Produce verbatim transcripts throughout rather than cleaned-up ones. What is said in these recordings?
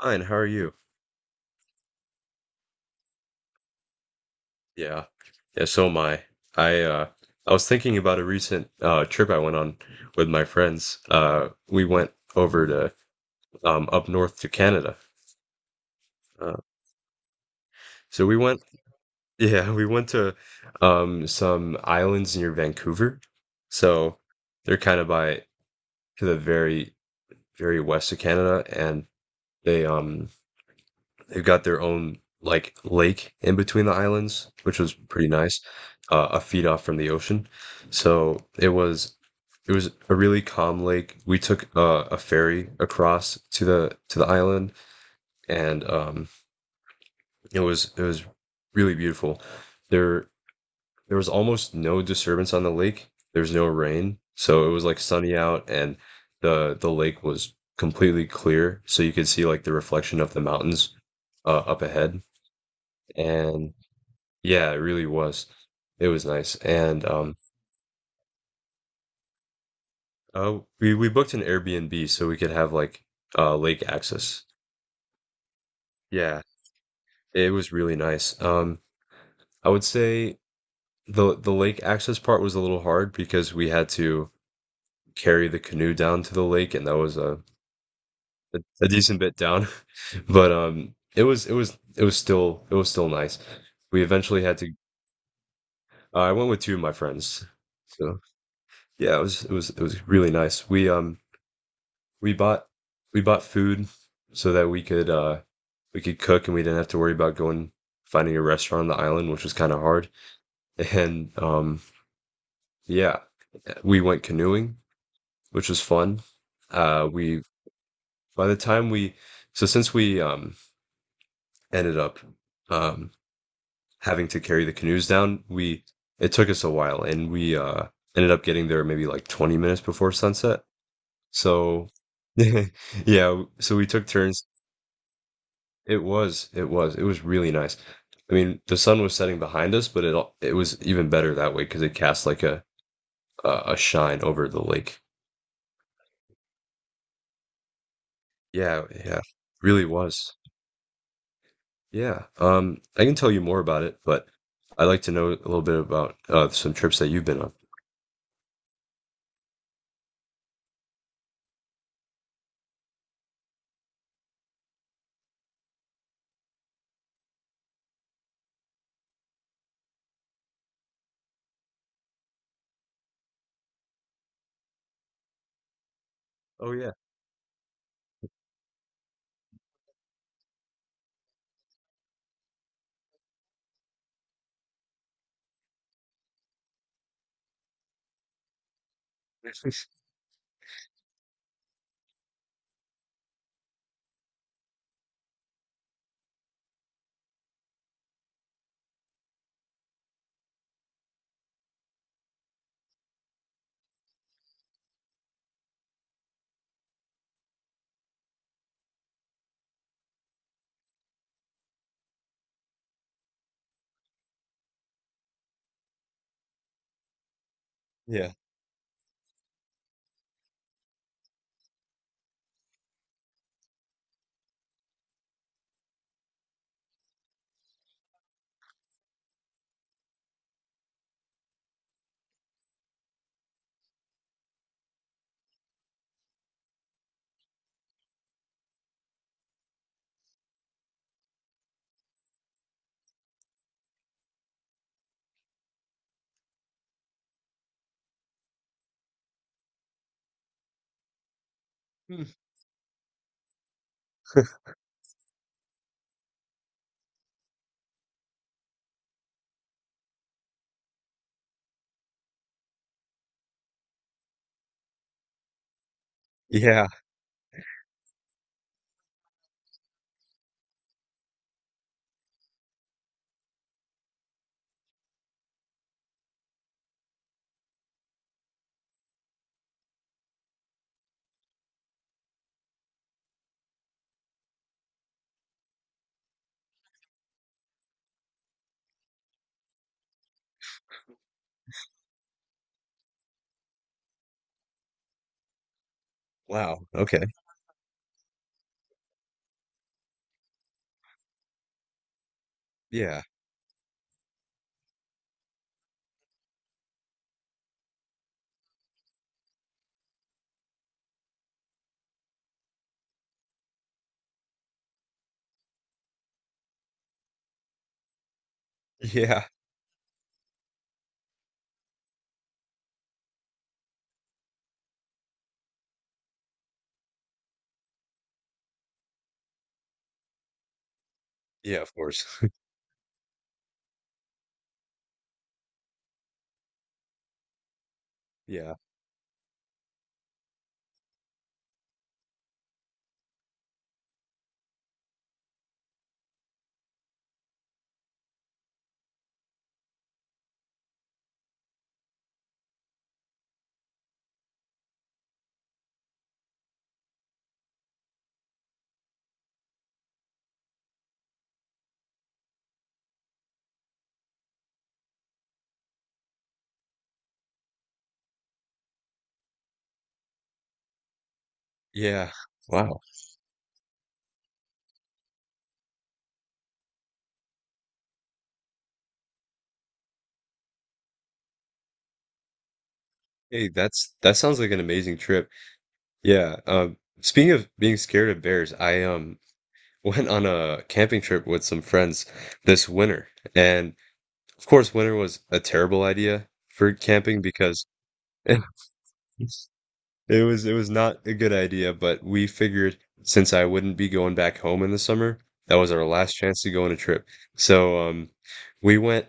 Fine, how are you? Yeah. Yeah, so am I. I uh I was thinking about a recent uh trip I went on with my friends. Uh we went over to um up north to Canada. Uh so we went yeah, we went to um some islands near Vancouver. So they're kind of by to the very very west of Canada, and they um they've got their own like lake in between the islands, which was pretty nice, uh, a feet off from the ocean. So it was it was a really calm lake. We took uh, a ferry across to the to the island, and um, it was it was really beautiful. There there was almost no disturbance on the lake. There was no rain, so it was like sunny out, and the the lake was completely clear, so you could see like the reflection of the mountains uh, up ahead. And Yeah, it really was. It was nice. And um uh we we booked an Airbnb so we could have like uh lake access. Yeah, it was really nice. Um I would say the the lake access part was a little hard because we had to carry the canoe down to the lake, and that was a a, a decent bit down. But um it was it was it was still it was still nice. We eventually had to uh, I went with two of my friends. So yeah, it was it was it was really nice. We um we bought we bought food so that we could uh we could cook, and we didn't have to worry about going finding a restaurant on the island, which was kind of hard. And um yeah, we went canoeing, which was fun. Uh we by the time we so since we um ended up um Having to carry the canoes down, we, it took us a while, and we uh ended up getting there maybe like twenty minutes before sunset. So yeah, so we took turns. It was, it was, it was really nice. I mean, the sun was setting behind us, but it al- it was even better that way because it cast like a a a shine over the lake. Yeah, yeah, really was. Yeah. Um, I can tell you more about it, but I'd like to know a little bit about uh some trips that you've been on. Oh yeah, yeah. Hmm. Yeah. Wow. Okay. Yeah. Yeah. Yeah. Of course. Yeah. Yeah. Wow. Hey, that's that sounds like an amazing trip. Yeah. Um, speaking of being scared of bears, I um went on a camping trip with some friends this winter. And of course, winter was a terrible idea for camping because it was it was not a good idea, but we figured since I wouldn't be going back home in the summer, that was our last chance to go on a trip. So um we went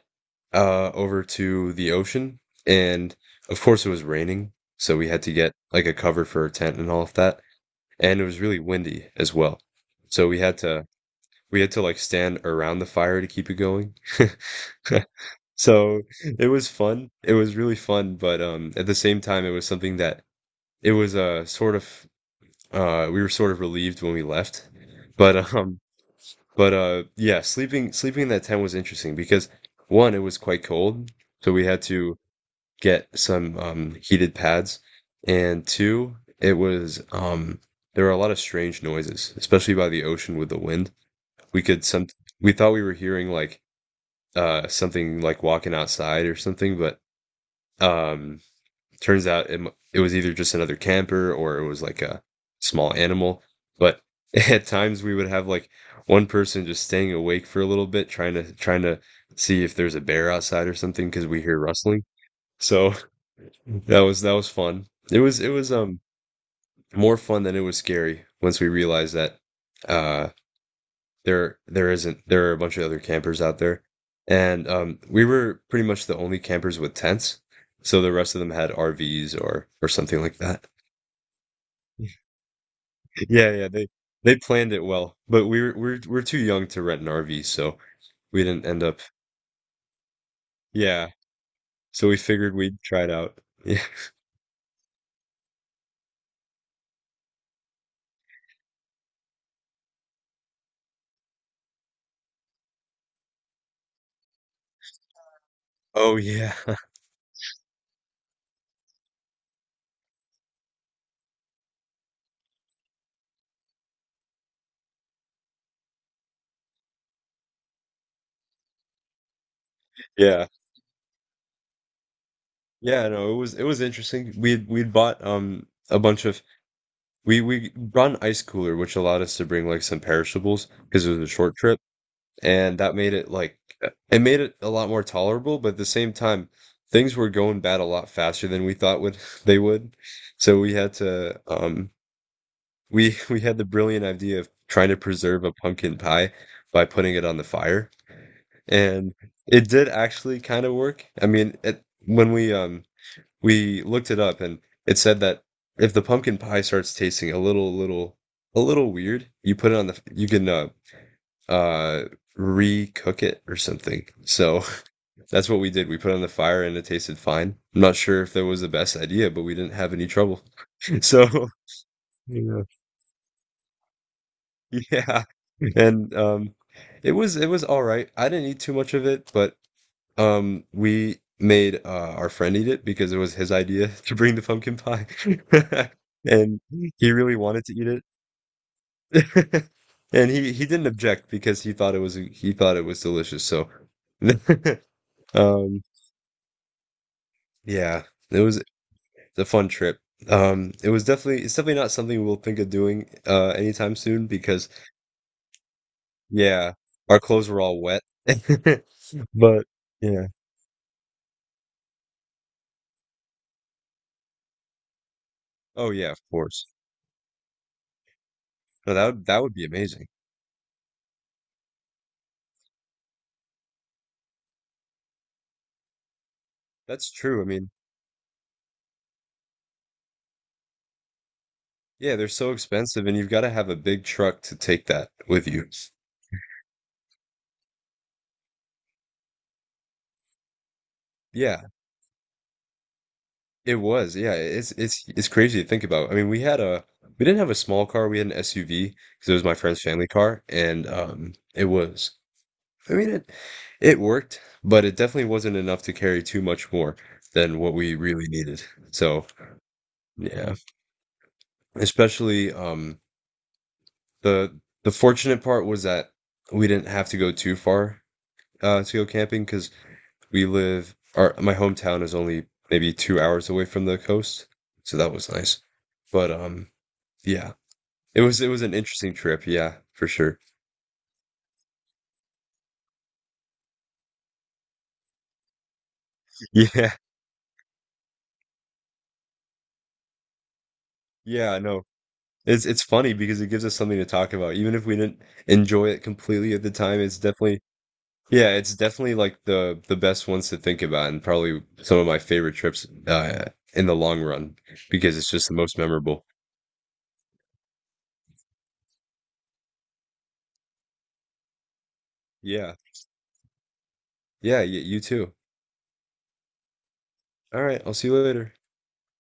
uh over to the ocean, and of course it was raining, so we had to get like a cover for a tent and all of that. And it was really windy as well. So we had to we had to like stand around the fire to keep it going. So it was fun. It was really fun, but um at the same time it was something that it was uh sort of uh we were sort of relieved when we left. But um but uh yeah, sleeping sleeping in that tent was interesting because one, it was quite cold, so we had to get some um heated pads. And two, it was um there were a lot of strange noises, especially by the ocean with the wind. We could some We thought we were hearing like uh, something like walking outside or something, but um, turns out it, it was either just another camper or it was like a small animal. But at times we would have like one person just staying awake for a little bit, trying to trying to see if there's a bear outside or something because we hear rustling. So that was that was fun. It was it was um more fun than it was scary once we realized that uh there there isn't there are a bunch of other campers out there, and um we were pretty much the only campers with tents, so the rest of them had R Vs or or something like that. Yeah, yeah, they they planned it well, but we were we're we're too young to rent an R V, so we didn't end up. Yeah, so we figured we'd try it out. Yeah. Oh yeah. Yeah, yeah, no, it was it was interesting. We'd we'd bought um a bunch of we we brought an ice cooler, which allowed us to bring like some perishables because it was a short trip, and that made it like, it made it a lot more tolerable, but at the same time, things were going bad a lot faster than we thought would they would. So we had to um we we had the brilliant idea of trying to preserve a pumpkin pie by putting it on the fire. And it did actually kind of work. I mean, it, when we um we looked it up, and it said that if the pumpkin pie starts tasting a little little a little weird, you put it on the, you can uh uh recook it or something. So that's what we did. We put it on the fire, and it tasted fine. I'm not sure if that was the best idea, but we didn't have any trouble. So yeah, yeah. And um it was it was all right. I didn't eat too much of it, but um we made uh our friend eat it because it was his idea to bring the pumpkin pie. And he really wanted to eat it. And he he didn't object because he thought it was he thought it was delicious. So um, yeah, it was a fun trip. Um, it was definitely it's definitely not something we'll think of doing uh anytime soon because yeah, our clothes were all wet. But yeah. Oh yeah, of course. No, that would that would be amazing. That's true. I mean, yeah, they're so expensive, and you've got to have a big truck to take that with you. Yeah, it was. Yeah, it's it's it's crazy to think about. I mean, we had a we didn't have a small car, we had an S U V because it was my friend's family car, and um it was, I mean, it it worked, but it definitely wasn't enough to carry too much more than what we really needed. So, yeah, especially um the the fortunate part was that we didn't have to go too far uh to go camping because we live our my hometown is only maybe two hours away from the coast, so that was nice. But um, yeah, it was it was an interesting trip, yeah, for sure. Yeah, yeah, I know. It's it's funny because it gives us something to talk about. Even if we didn't enjoy it completely at the time, it's definitely, yeah, it's definitely like the the best ones to think about, and probably some of my favorite trips uh in the long run because it's just the most memorable. Yeah. Yeah, y you too. All right, I'll see you later.